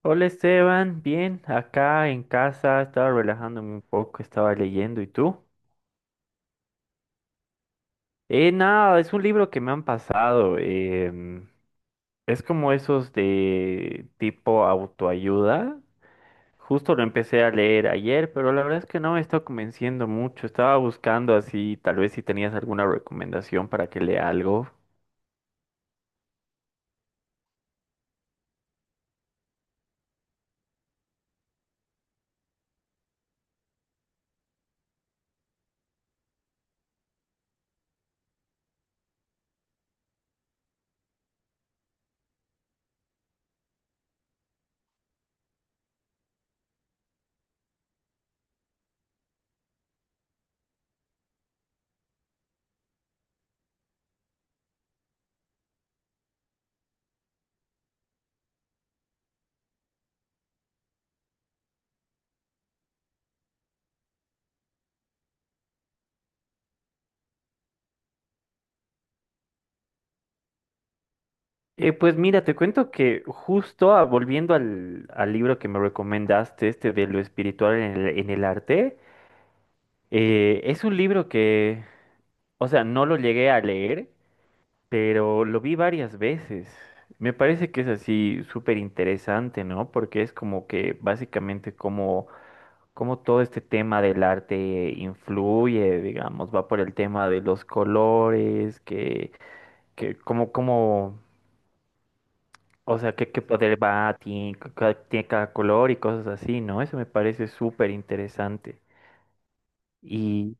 Hola Esteban, bien, acá en casa estaba relajándome un poco, estaba leyendo, ¿y tú? Nada, es un libro que me han pasado, es como esos de tipo autoayuda, justo lo empecé a leer ayer, pero la verdad es que no me está convenciendo mucho, estaba buscando así, tal vez si tenías alguna recomendación para que lea algo. Pues mira, te cuento que justo volviendo al libro que me recomendaste, este de lo espiritual en el arte. Es un libro que, o sea, no lo llegué a leer, pero lo vi varias veces. Me parece que es así súper interesante, ¿no? Porque es como que básicamente como todo este tema del arte influye, digamos, va por el tema de los colores, que como, como, o sea, qué poder tiene, tiene cada color y cosas así, ¿no? Eso me parece súper interesante. y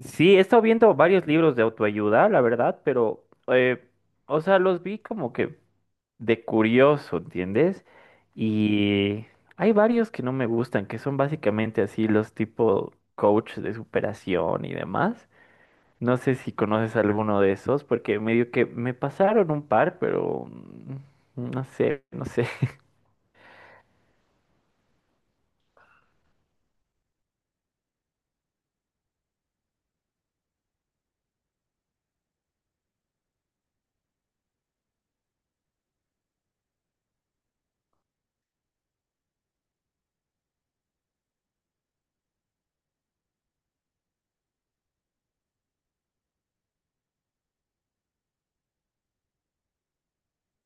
Sí, he estado viendo varios libros de autoayuda, la verdad, pero, o sea, los vi como que de curioso, ¿entiendes? Y hay varios que no me gustan, que son básicamente así los tipo coach de superación y demás. No sé si conoces alguno de esos, porque medio que me pasaron un par, pero no sé, no sé.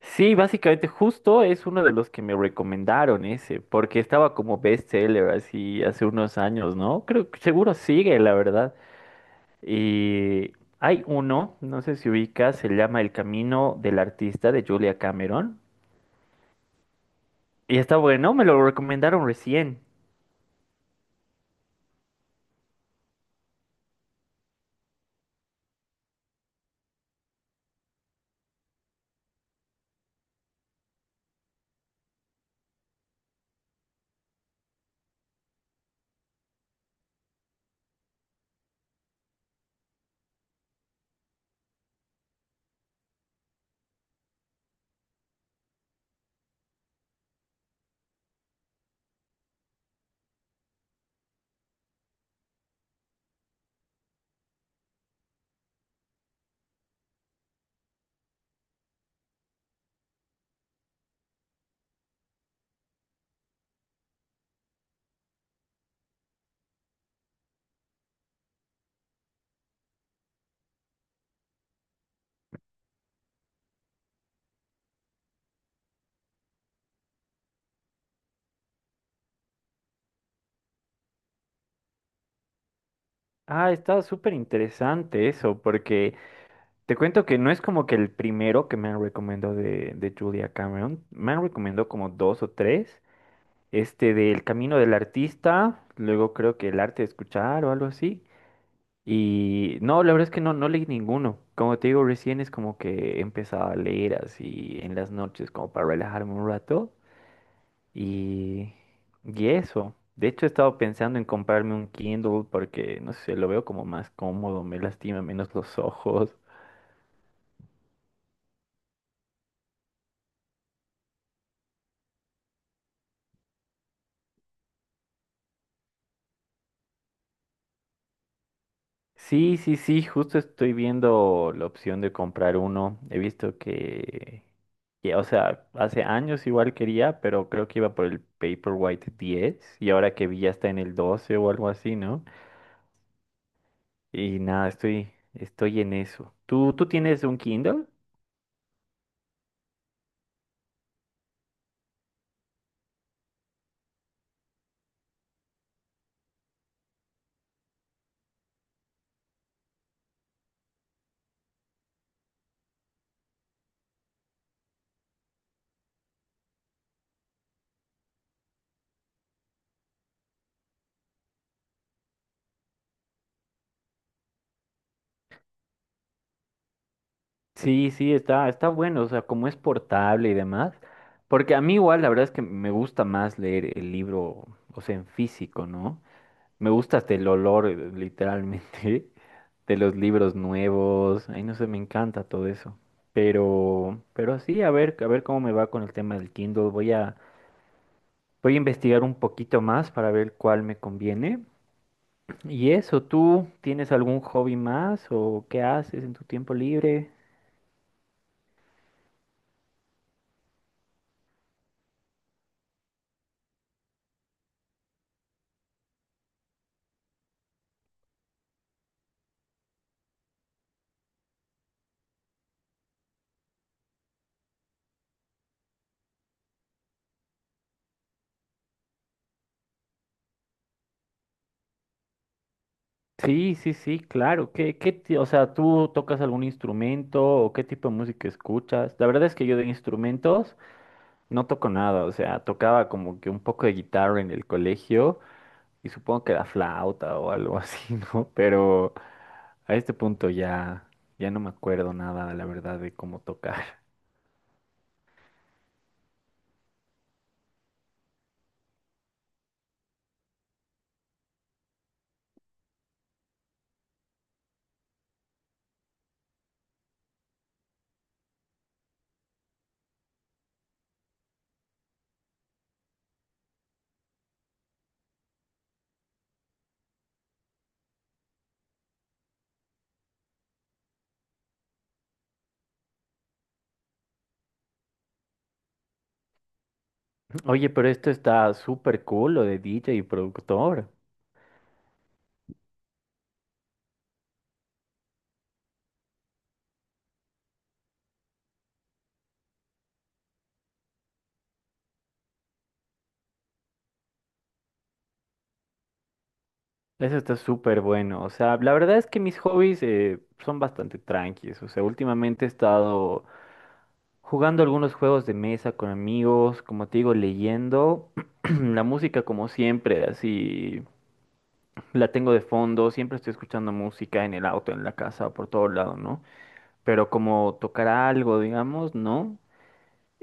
Sí, básicamente justo es uno de los que me recomendaron ese, porque estaba como bestseller así hace unos años, ¿no? Creo que seguro sigue, la verdad. Y hay uno, no sé si ubicas, se llama El Camino del Artista de Julia Cameron. Y está bueno, me lo recomendaron recién. Ah, está súper interesante eso, porque te cuento que no es como que el primero que me han recomendado de Julia Cameron, me han recomendado como dos o tres. Este del camino del artista, luego creo que el arte de escuchar o algo así. Y no, la verdad es que no, no leí ninguno. Como te digo, recién es como que empezaba a leer así en las noches, como para relajarme un rato. Y, y eso. De hecho, he estado pensando en comprarme un Kindle porque, no sé, lo veo como más cómodo, me lastima menos los ojos. Sí, sí, sí, justo estoy viendo la opción de comprar uno. He visto que, o sea, hace años igual quería, pero creo que iba por el Paperwhite diez y ahora que vi ya está en el 12 o algo así, ¿no? Y nada, estoy en eso. ¿Tú tienes un Kindle? Sí, sí, está bueno, o sea, como es portable y demás. Porque a mí igual la verdad es que me gusta más leer el libro, o sea, en físico, ¿no? Me gusta hasta el olor, literalmente. De los libros nuevos. Ay, no sé, me encanta todo eso. Pero sí, a ver cómo me va con el tema del Kindle. Voy a investigar un poquito más para ver cuál me conviene. Y eso, ¿tú tienes algún hobby más o qué haces en tu tiempo libre? Sí, sí, sí, claro. O sea, ¿tú tocas algún instrumento o qué tipo de música escuchas? La verdad es que yo de instrumentos no toco nada, o sea, tocaba como que un poco de guitarra en el colegio. Y supongo que la flauta o algo así, ¿no? Pero a este punto ya, ya no me acuerdo nada, la verdad, de cómo tocar. Oye, pero esto está súper cool, lo de DJ y productor. Eso está súper bueno. O sea, la verdad es que mis hobbies son bastante tranquilos. O sea, últimamente he estado jugando algunos juegos de mesa con amigos, como te digo, leyendo. La música, como siempre, así la tengo de fondo. Siempre estoy escuchando música en el auto, en la casa, por todo lado, ¿no? Pero como tocar algo, digamos, ¿no?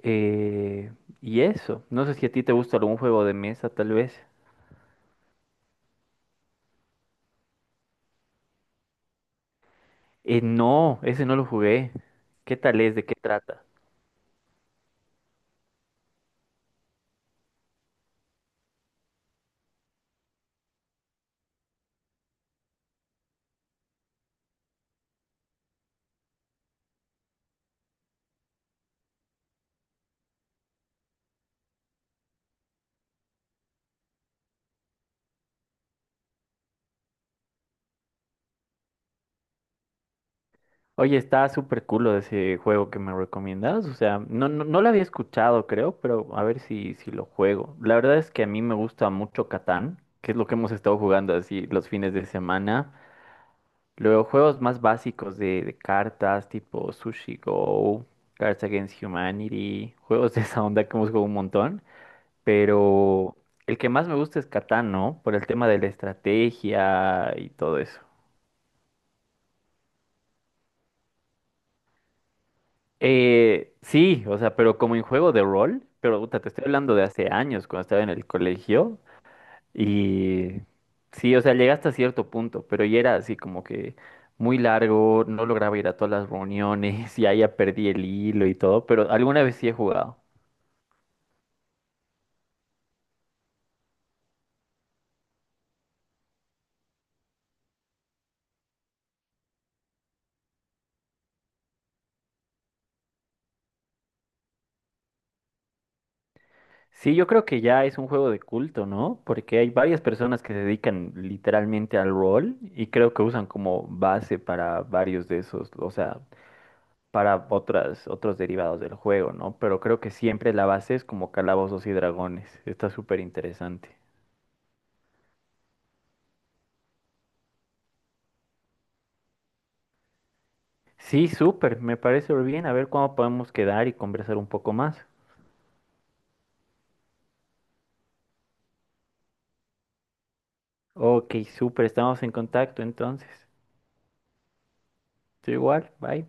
Eh, y eso, no sé si a ti te gusta algún juego de mesa, tal vez. No, ese no lo jugué. ¿Qué tal es? ¿De qué trata? Oye, está súper cool ese juego que me recomiendas. O sea, no, no, no lo había escuchado, creo, pero a ver si lo juego. La verdad es que a mí me gusta mucho Catán, que es lo que hemos estado jugando así los fines de semana. Luego juegos más básicos de cartas tipo Sushi Go, Cards Against Humanity, juegos de esa onda que hemos jugado un montón, pero el que más me gusta es Catán, ¿no? Por el tema de la estrategia y todo eso. Sí, o sea, pero como en juego de rol, pero puta, te estoy hablando de hace años, cuando estaba en el colegio. Y sí, o sea, llegué hasta cierto punto, pero ya era así como que muy largo, no lograba ir a todas las reuniones, ya perdí el hilo y todo, pero alguna vez sí he jugado. Sí, yo creo que ya es un juego de culto, ¿no? Porque hay varias personas que se dedican literalmente al rol y creo que usan como base para varios de esos, o sea, para otros derivados del juego, ¿no? Pero creo que siempre la base es como calabozos y dragones. Está súper interesante. Sí, súper, me parece bien. A ver cuándo podemos quedar y conversar un poco más. Ok, súper, estamos en contacto entonces. Estoy igual, bye.